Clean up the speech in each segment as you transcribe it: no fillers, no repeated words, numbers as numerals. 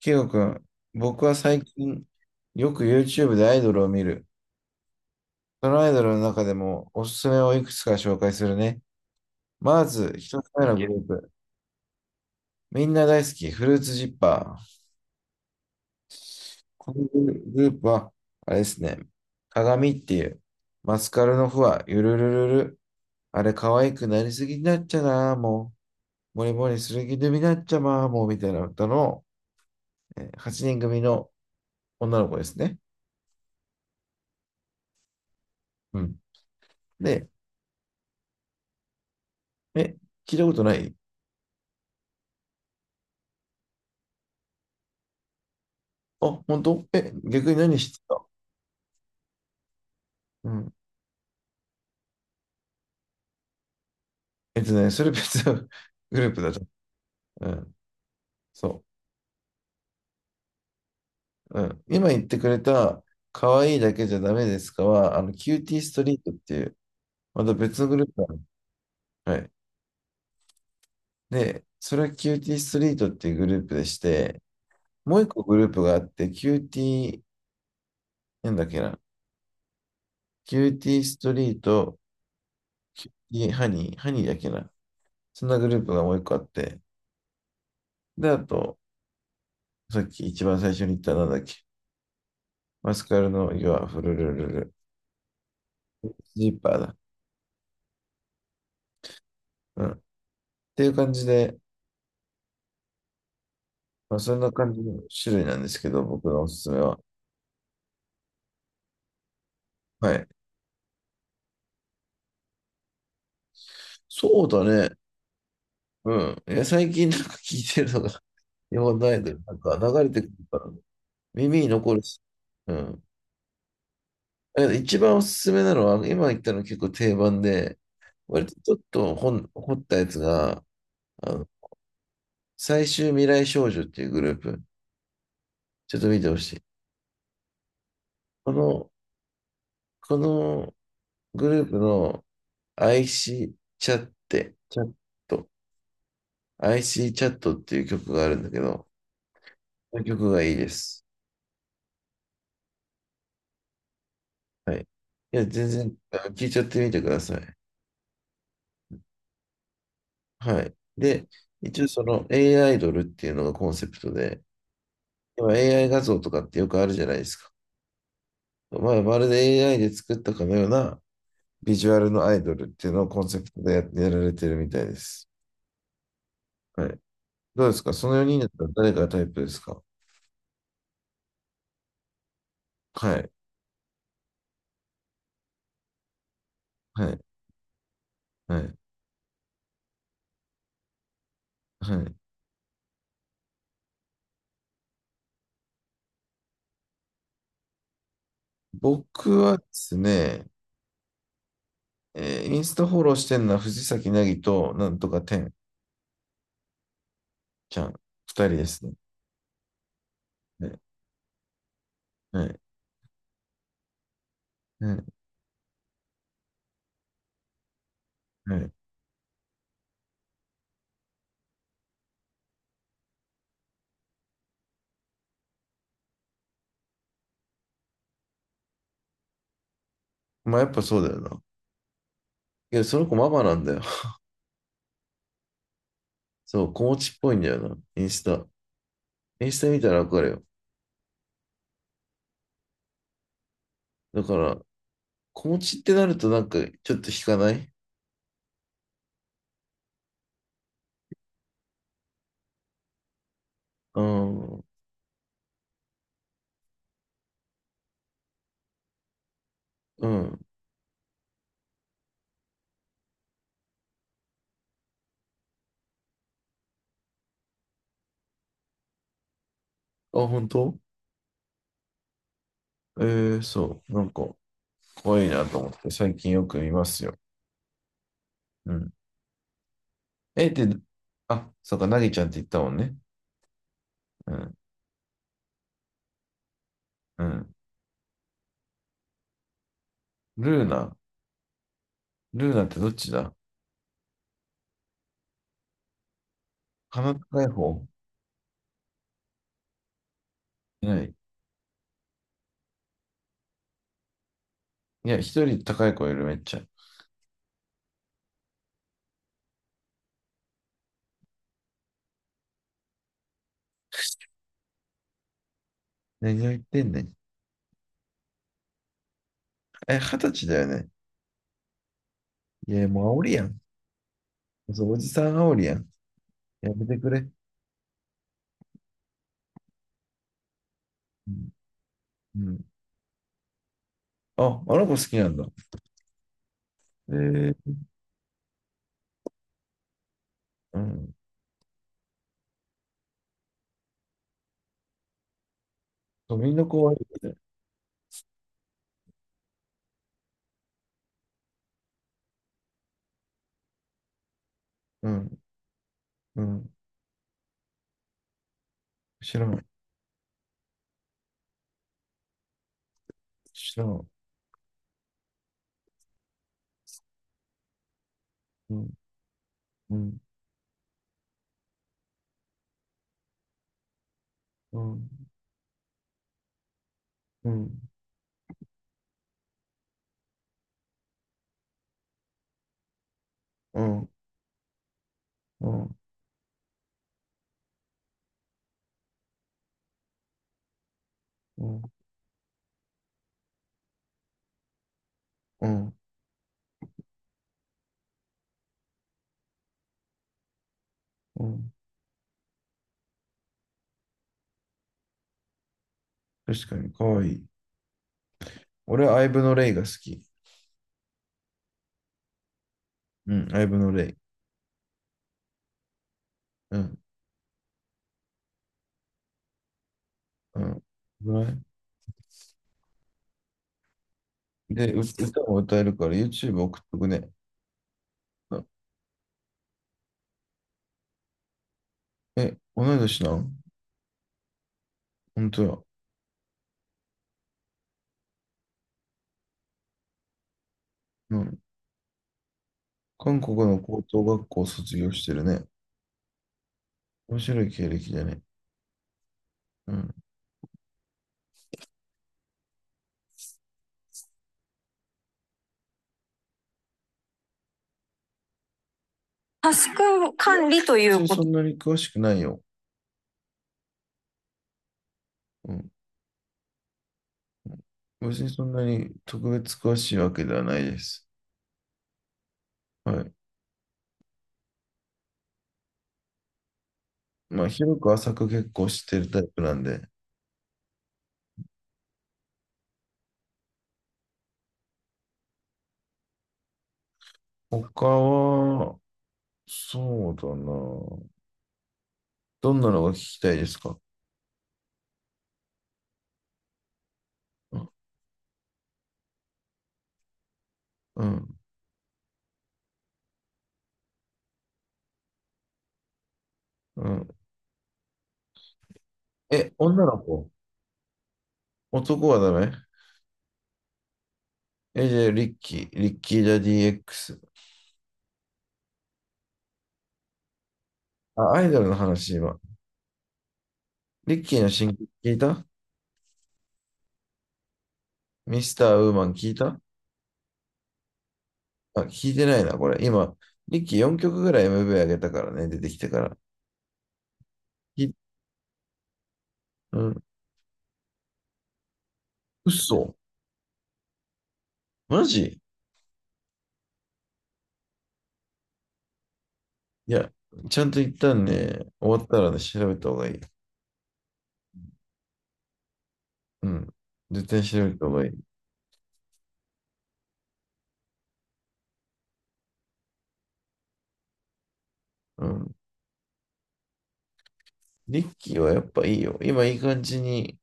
キヨ君、僕は最近よく YouTube でアイドルを見る。そのアイドルの中でもおすすめをいくつか紹介するね。まず、一つ目のグループ。みんな大好き、フルーツジッパー。このグループは、あれですね、鏡っていう、マスカルのフワ、ゆるるるる。あれ、可愛くなりすぎになっちゃな、もう。もりもりする気でになっちゃま、もう、みたいな歌の、8人組の女の子ですね。うん。で、え、聞いたことない。あ、本当？え、逆に何してた？うん。えっとね、それ別の グループだと。うん。そう。うん。今言ってくれた、可愛いだけじゃダメですかは、あの、キューティーストリートっていう、また別のグループなの。はい。で、それはキューティーストリートっていうグループでして、もう一個グループがあって、キューティー、なんだっけな。キューティーストリート、キューティーハニー、ハニーだっけな。そんなグループがもう一個あって、で、あと、さっき一番最初に言ったなんだっけ。マスカルの岩、フルルルル、ジーパーだ。うん。っていう感じで、まあ、そんな感じの種類なんですけど、僕のおすすめは。はい。そうだね。うん。いや、最近なんか聞いてるのが、日本のアイドル、なんか流れてくるからね、耳に残るし。うん。だけど一番おすすめなのは、今言ったの結構定番で、割とちょっと本掘ったやつが、あの、最終未来少女っていうグループ。ちょっと見てほしい。この、このグループの IC チャッテ、チャット、IC チャットっていう曲があるんだけど、この曲がいいです。はい。いや、全然、あ聞いちゃってみてください。はい。で、一応その AI アイドルっていうのがコンセプトで、今 AI 画像とかってよくあるじゃないですか。まあ、まるで AI で作ったかのようなビジュアルのアイドルっていうのをコンセプトでややられてるみたいです。はい。どうですかその4人だったら誰がタイプですか？はい。はい。はい。はい。僕はですね、インスタフォローしてるのは藤崎なぎと、なんとかてんちゃん、二人ですね。ね。はいはいはい。まあやっぱそうだよな。いや、その子ママなんだよ。そう、子持ちっぽいんだよな、インスタ。インスタ見たらわかるよ。だから、子持ちってなるとなんかちょっと引かない？うん、うん。あ、本当？えー、そう、なんか、可愛いなと思って、最近よく見ますよ。うん。え、で、あ、そうか、なぎちゃんって言ったもんね。うん、うん。ルーナ。ルーナってどっちだ？鼻高い方？いない。いや、一人高い子いる、めっちゃ。何を言ってんねん。え、二十歳だよね。いや、もう煽りやん。そう、おじさん煽りやん。やめてくれ。うん。うん。あ、あの子好きなんだ。えー、うん。そう、みんな怖いよね。うん。うん。知らん。知らん。うん。うん。うん。うん。うん。うん。うん。うん。うん。確かに、可愛い。俺はアイブのレイが好き。うん、アイブのレイ。うん。うん。ね。で、う歌も歌えるから YouTube 送っとくね。あ、え、同い年なん？本当や。うん。韓国の高等学校を卒業してるね。面白い経歴だね。うん。タスク管理とい別うにこそと。んなに詳しくないよ。うん。別にそんなに特別詳しいわけではないです。はい。まあ、広く浅く結構知ってるタイプなんで。他は、そうだな。どんなのが聞きたいですか？うん。うん。うん。え、女の子？男はダメ？え、じゃあ、リッキー・ジャディ X。あ、アイドルの話、今。リッキーの新曲聞いた？ミスター・ウーマン聞いた？あ、聞いてないな、これ。今、リッキー4曲ぐらい MV 上げたからね、出てきてから。い、うん、嘘？マジ？いや、ちゃんと一旦ね、終わったらね、調べた方がいい。うん。絶対調べた方がいい。うん。リッキーはやっぱいいよ。今いい感じに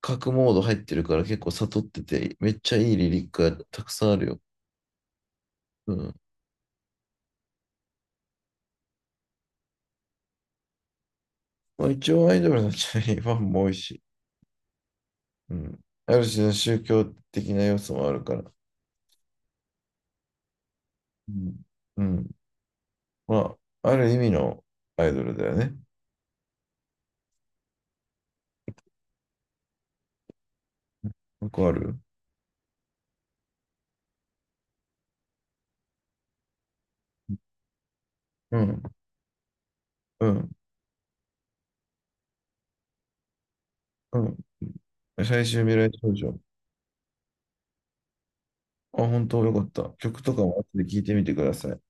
角モード入ってるから結構悟ってて、めっちゃいいリリックがたくさんあるよ。うん。まあ、一応アイドルのチャリファンも多いし、うん。ある種の宗教的な要素もあるから。うん。うん。まあ、ある意味のアイドルだよね。よくある？うん。うん。うん。最終未来少女。あ、本当？よかった。曲とかも後で聞いてみてください。